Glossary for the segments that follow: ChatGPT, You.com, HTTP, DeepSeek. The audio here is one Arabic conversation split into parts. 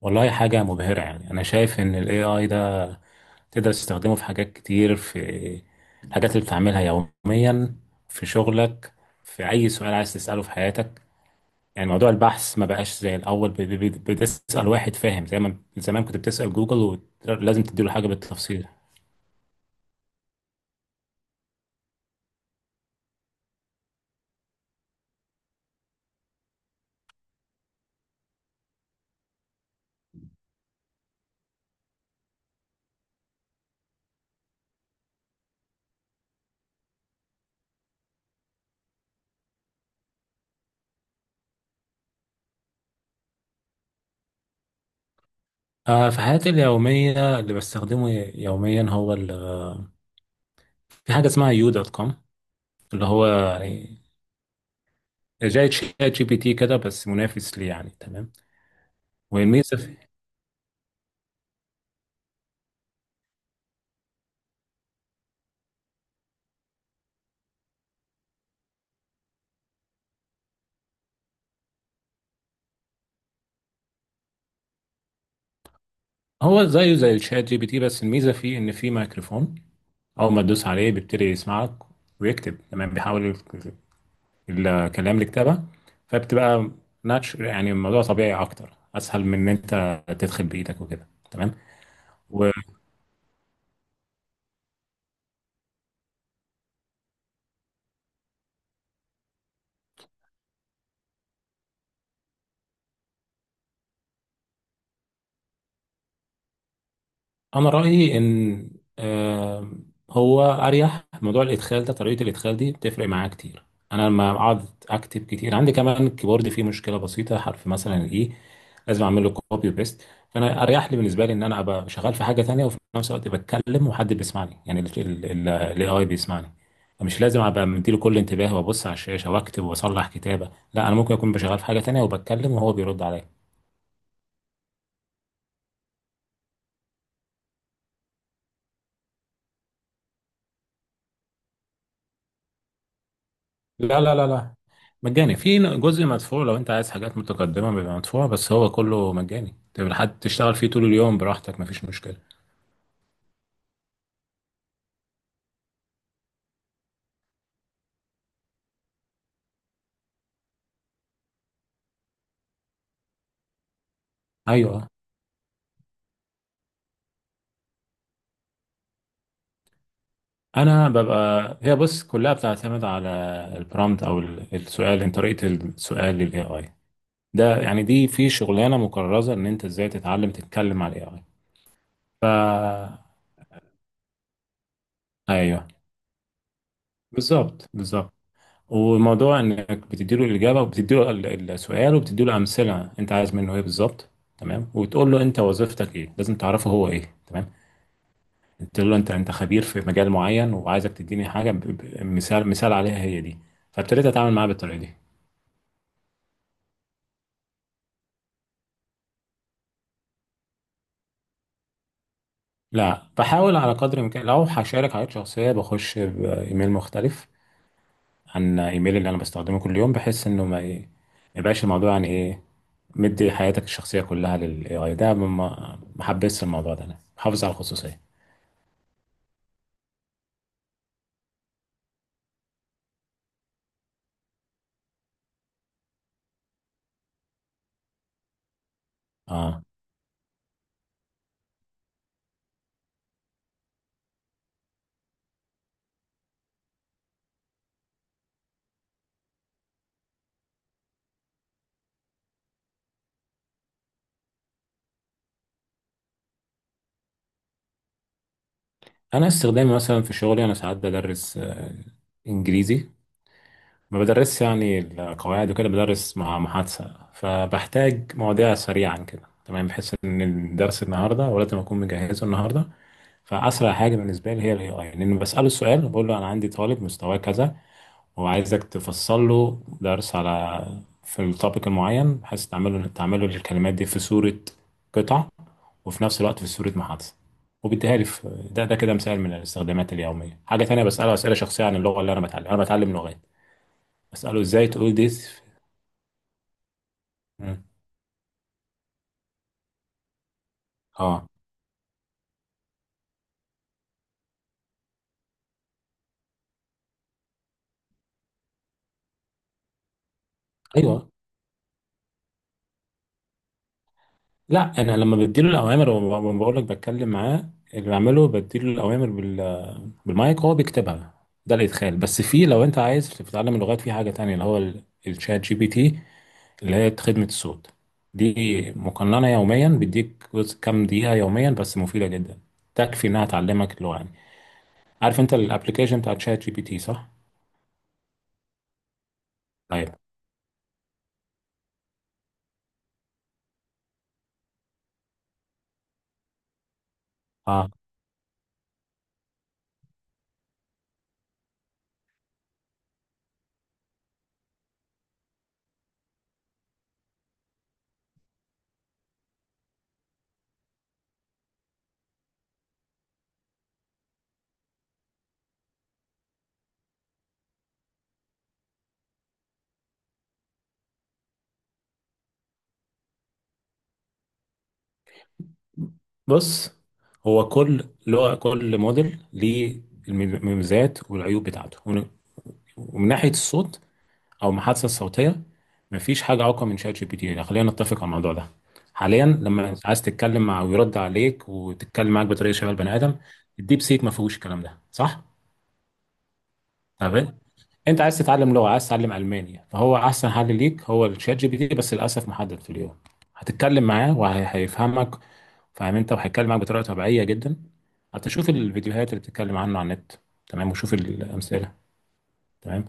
والله حاجة مبهرة، يعني أنا شايف إن ال AI ده تقدر تستخدمه في حاجات كتير، في الحاجات اللي بتعملها يوميا، في شغلك، في أي سؤال عايز تسأله في حياتك. يعني موضوع البحث ما بقاش زي الأول، بتسأل واحد فاهم، زي ما زمان كنت بتسأل جوجل ولازم تديله حاجة بالتفصيل. آه، في حياتي اليومية اللي بستخدمه يوميا هو في حاجة اسمها يو دوت كوم، اللي هو يعني زي شات جي بي تي كده بس منافس ليه، يعني تمام. والميزة في هو زيه زي شات جي بي تي بس الميزه فيه ان فيه ميكروفون، اول ما تدوس عليه بيبتدي يسمعك ويكتب، تمام؟ بيحول الكلام لكتابه، فبتبقى ناتش، يعني الموضوع طبيعي اكتر، اسهل من ان انت تدخل بايدك وكده، تمام. انا رايي ان آه، هو اريح، موضوع الادخال ده، طريقه الادخال دي بتفرق معايا كتير. انا لما اقعد اكتب كتير، عندي كمان الكيبورد فيه مشكله بسيطه، حرف مثلا الاي لازم اعمل له كوبي وبيست، فانا اريح لي بالنسبه لي ان انا ابقى شغال في حاجه تانية وفي نفس الوقت بتكلم وحد بيسمعني، يعني الاي اي بيسمعني، فمش لازم ابقى مديله كل انتباه وابص على الشاشه واكتب واصلح كتابه. لا، انا ممكن اكون بشغال في حاجه تانية وبتكلم وهو بيرد عليا. لا لا لا لا، مجاني. في جزء مدفوع لو انت عايز حاجات متقدمة بيبقى مدفوع، بس هو كله مجاني، تبقى حد تشتغل فيه طول اليوم براحتك مفيش مشكلة. ايوه، انا ببقى، هي بص كلها بتعتمد على البرامت او السؤال، انت طريقة السؤال للاي اي ده، يعني دي في شغلانة مكرزة، ان انت ازاي تتعلم تتكلم على الاي اي. ف ايوه، بالظبط. وموضوع انك بتديله الاجابه وبتديله السؤال وبتديله امثله انت عايز منه ايه بالظبط، تمام، وتقول له انت وظيفتك ايه، لازم تعرفه هو ايه، تمام. تقول له انت، انت خبير في مجال معين وعايزك تديني حاجه مثال عليها هي دي. فابتديت اتعامل معاه بالطريقه دي. لا، بحاول على قدر الامكان، لو هشارك حاجات شخصيه بخش بايميل مختلف عن ايميل اللي انا بستخدمه كل يوم، بحيث انه ما ايه، ما يبقاش الموضوع يعني ايه، مدي حياتك الشخصيه كلها للاي اي ده، ما ما حبيتش الموضوع ده، انا بحافظ على الخصوصيه. اه، انا استخدامي مثلا في شغلي، انا ساعات بدرس انجليزي، ما بدرسش يعني القواعد وكده، بدرس مع محادثه، فبحتاج مواضيع سريعا كده، تمام، بحيث ان الدرس النهارده ولازم اكون مجهزه النهارده. فاسرع حاجه بالنسبه لي هي الاي اي، لان بساله السؤال، بقول له انا عندي طالب مستواه كذا، هو عايزك تفصل له درس على، في التوبيك المعين، بحيث تعمله الكلمات دي في صورة قطع، وفي نفس الوقت في صورة محادثة، وبيديها لي في ده. ده كده مثال من الاستخدامات اليومية. حاجة تانية، بسأله أسئلة شخصية عن اللغة اللي أنا بتعلم، أنا بتعلم لغات، بسأله إزاي تقول دي مم. اه، ايوه. لا، انا لما بديله الاوامر بقول لك بتكلم معاه، اللي بعمله بديله الاوامر بال بالمايك هو بيكتبها، ده الادخال. بس في، لو انت عايز تتعلم اللغات، في حاجه تانية اللي هو الشات جي بي تي، اللي هي خدمة الصوت دي، مقننة يوميا، بيديك جزء كام دقيقة يوميا بس مفيدة جدا، تكفي إنها تعلمك اللغة يعني. عارف أنت الأبليكيشن بتاع شات جي بي تي صح؟ طيب. آه، بص، هو كل لغة، كل موديل ليه المميزات والعيوب بتاعته، ومن، ومن ناحية الصوت أو المحادثة الصوتية، مفيش حاجة أقوى من شات جي بي تي، خلينا نتفق على الموضوع ده حاليا. لما عايز تتكلم مع، ويرد عليك وتتكلم معاك بطريقة شبه البني آدم، الديب سيك ما فيهوش الكلام ده، صح؟ تمام. انت عايز تتعلم لغه، عايز تتعلم الماني، فهو احسن حل ليك هو الشات جي بي تي، بس للاسف محدد في اليوم. هتتكلم معاه وهيفهمك، فاهم انت، وهيتكلم معاك بطريقه طبيعيه جدا. حتى شوف الفيديوهات اللي بتتكلم عنه على النت، تمام، وشوف الامثله. تمام.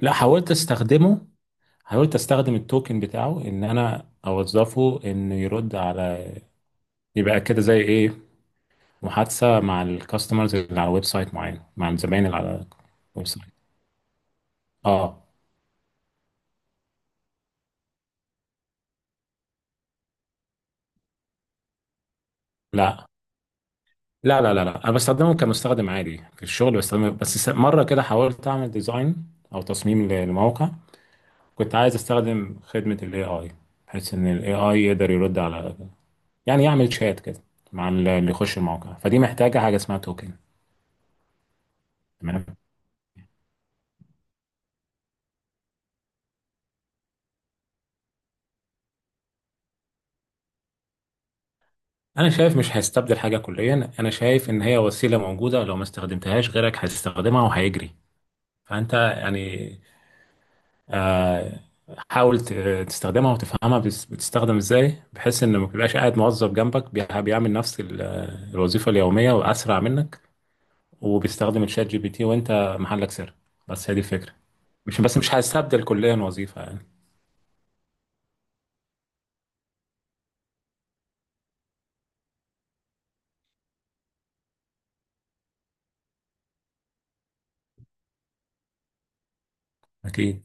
لا، حاولت استخدمه، حاولت استخدم التوكن بتاعه ان انا اوظفه انه يرد على، يبقى كده زي ايه، محادثه مع الكاستمرز اللي على ويب سايت معين، مع الزباين اللي على ويب سايت. اه. لا لا لا لا، لا انا بستخدمهم كمستخدم عادي، في الشغل بستخدمه بس. مره كده حاولت اعمل ديزاين او تصميم لموقع، كنت عايز استخدم خدمه الاي اي، بحيث ان الاي اي يقدر يرد على، يعني يعمل شات كده مع اللي يخش الموقع، فدي محتاجه حاجه اسمها توكن. تمام. انا شايف مش هيستبدل حاجه كليا، انا شايف ان هي وسيله موجوده، لو ما استخدمتهاش غيرك هيستخدمها وهيجري، فانت يعني آه، حاول تستخدمها وتفهمها، بتستخدم ازاي، بحيث ان ما تبقاش قاعد موظف جنبك بيعمل نفس الوظيفة اليومية واسرع منك وبيستخدم الشات جي بي تي وانت محلك سر. بس هي دي الفكرة، مش بس، مش هستبدل كليا وظيفة يعني. اكيد.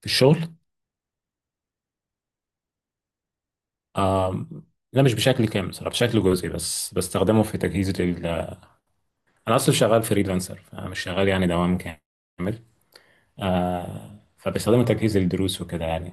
في الشغل؟ آم، لا مش بشكل كامل صراحة، بشكل جزئي، بس بستخدمه في تجهيز لل، انا اصلا شغال فريلانسر فمش شغال يعني دوام كامل. آه، فبستخدمه تجهيز للدروس وكده يعني.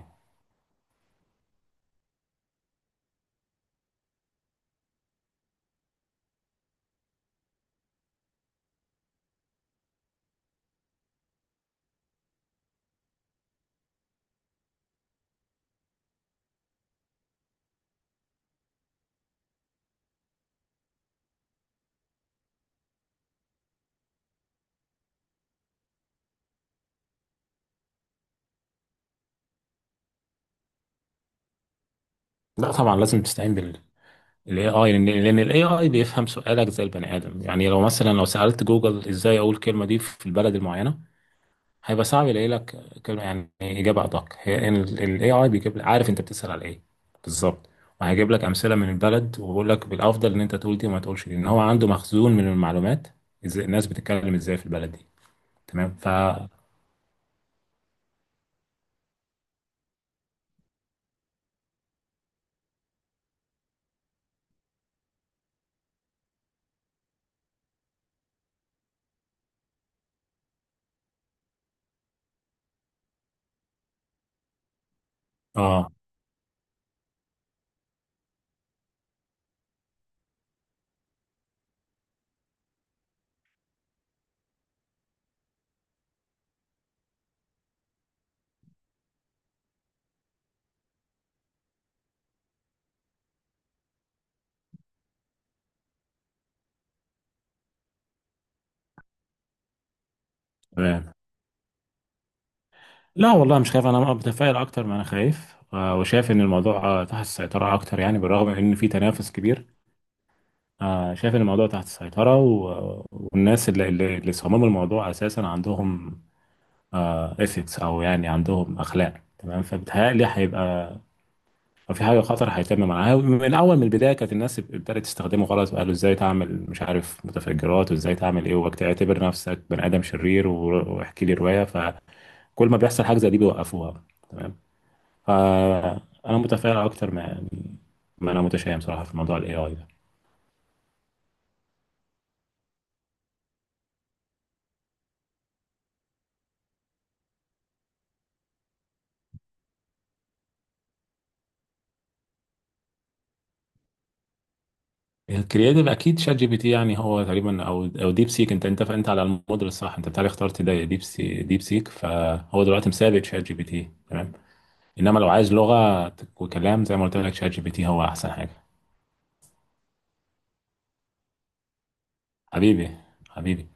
لا طبعا، لازم تستعين الاي اي، لان الاي اي بيفهم سؤالك زي البني ادم. يعني لو مثلا، لو سالت جوجل ازاي اقول الكلمه دي في البلد المعينه، هيبقى صعب يلاقي لك كلمه، يعني اجابه ادق هي الاي اي، بيجيب لك، عارف انت بتسال على ايه بالظبط، وهيجيب لك امثله من البلد، وبيقول لك بالافضل ان انت تقول دي وما تقولش دي، ان هو عنده مخزون من المعلومات ازاي الناس بتتكلم ازاي في البلد دي، تمام. ف اه، تمام. لا والله مش خايف، انا متفائل اكتر ما انا خايف، وشايف ان الموضوع تحت السيطره اكتر يعني، بالرغم ان في تنافس كبير، شايف ان الموضوع تحت السيطرة، والناس اللي صمموا الموضوع اساسا عندهم اثكس او يعني عندهم اخلاق، تمام، فبتهيألي هيبقى لو في حاجة خطر هيتم معاها من اول. من البداية كانت الناس ابتدت تستخدمه غلط وقالوا ازاي تعمل مش عارف متفجرات وازاي تعمل ايه واعتبر نفسك بني ادم شرير واحكي لي رواية، فكل ما بيحصل حاجة زي دي بيوقفوها، تمام. فانا متفائل اكتر ما يعني، ما انا متشائم صراحة في موضوع الاي اي ده. الكرياتيف اكيد شات جي بي تي، يعني هو تقريبا، او ديب سيك، انت، انت على الموديل الصح، انت بتاعي اخترت ده، ديب سي ديب سيك، فهو دلوقتي مسابق شات جي بي تي، تمام. انما لو عايز لغه وكلام زي ما قلت لك شات جي بي تي هو احسن حاجه. حبيبي، حبيبي.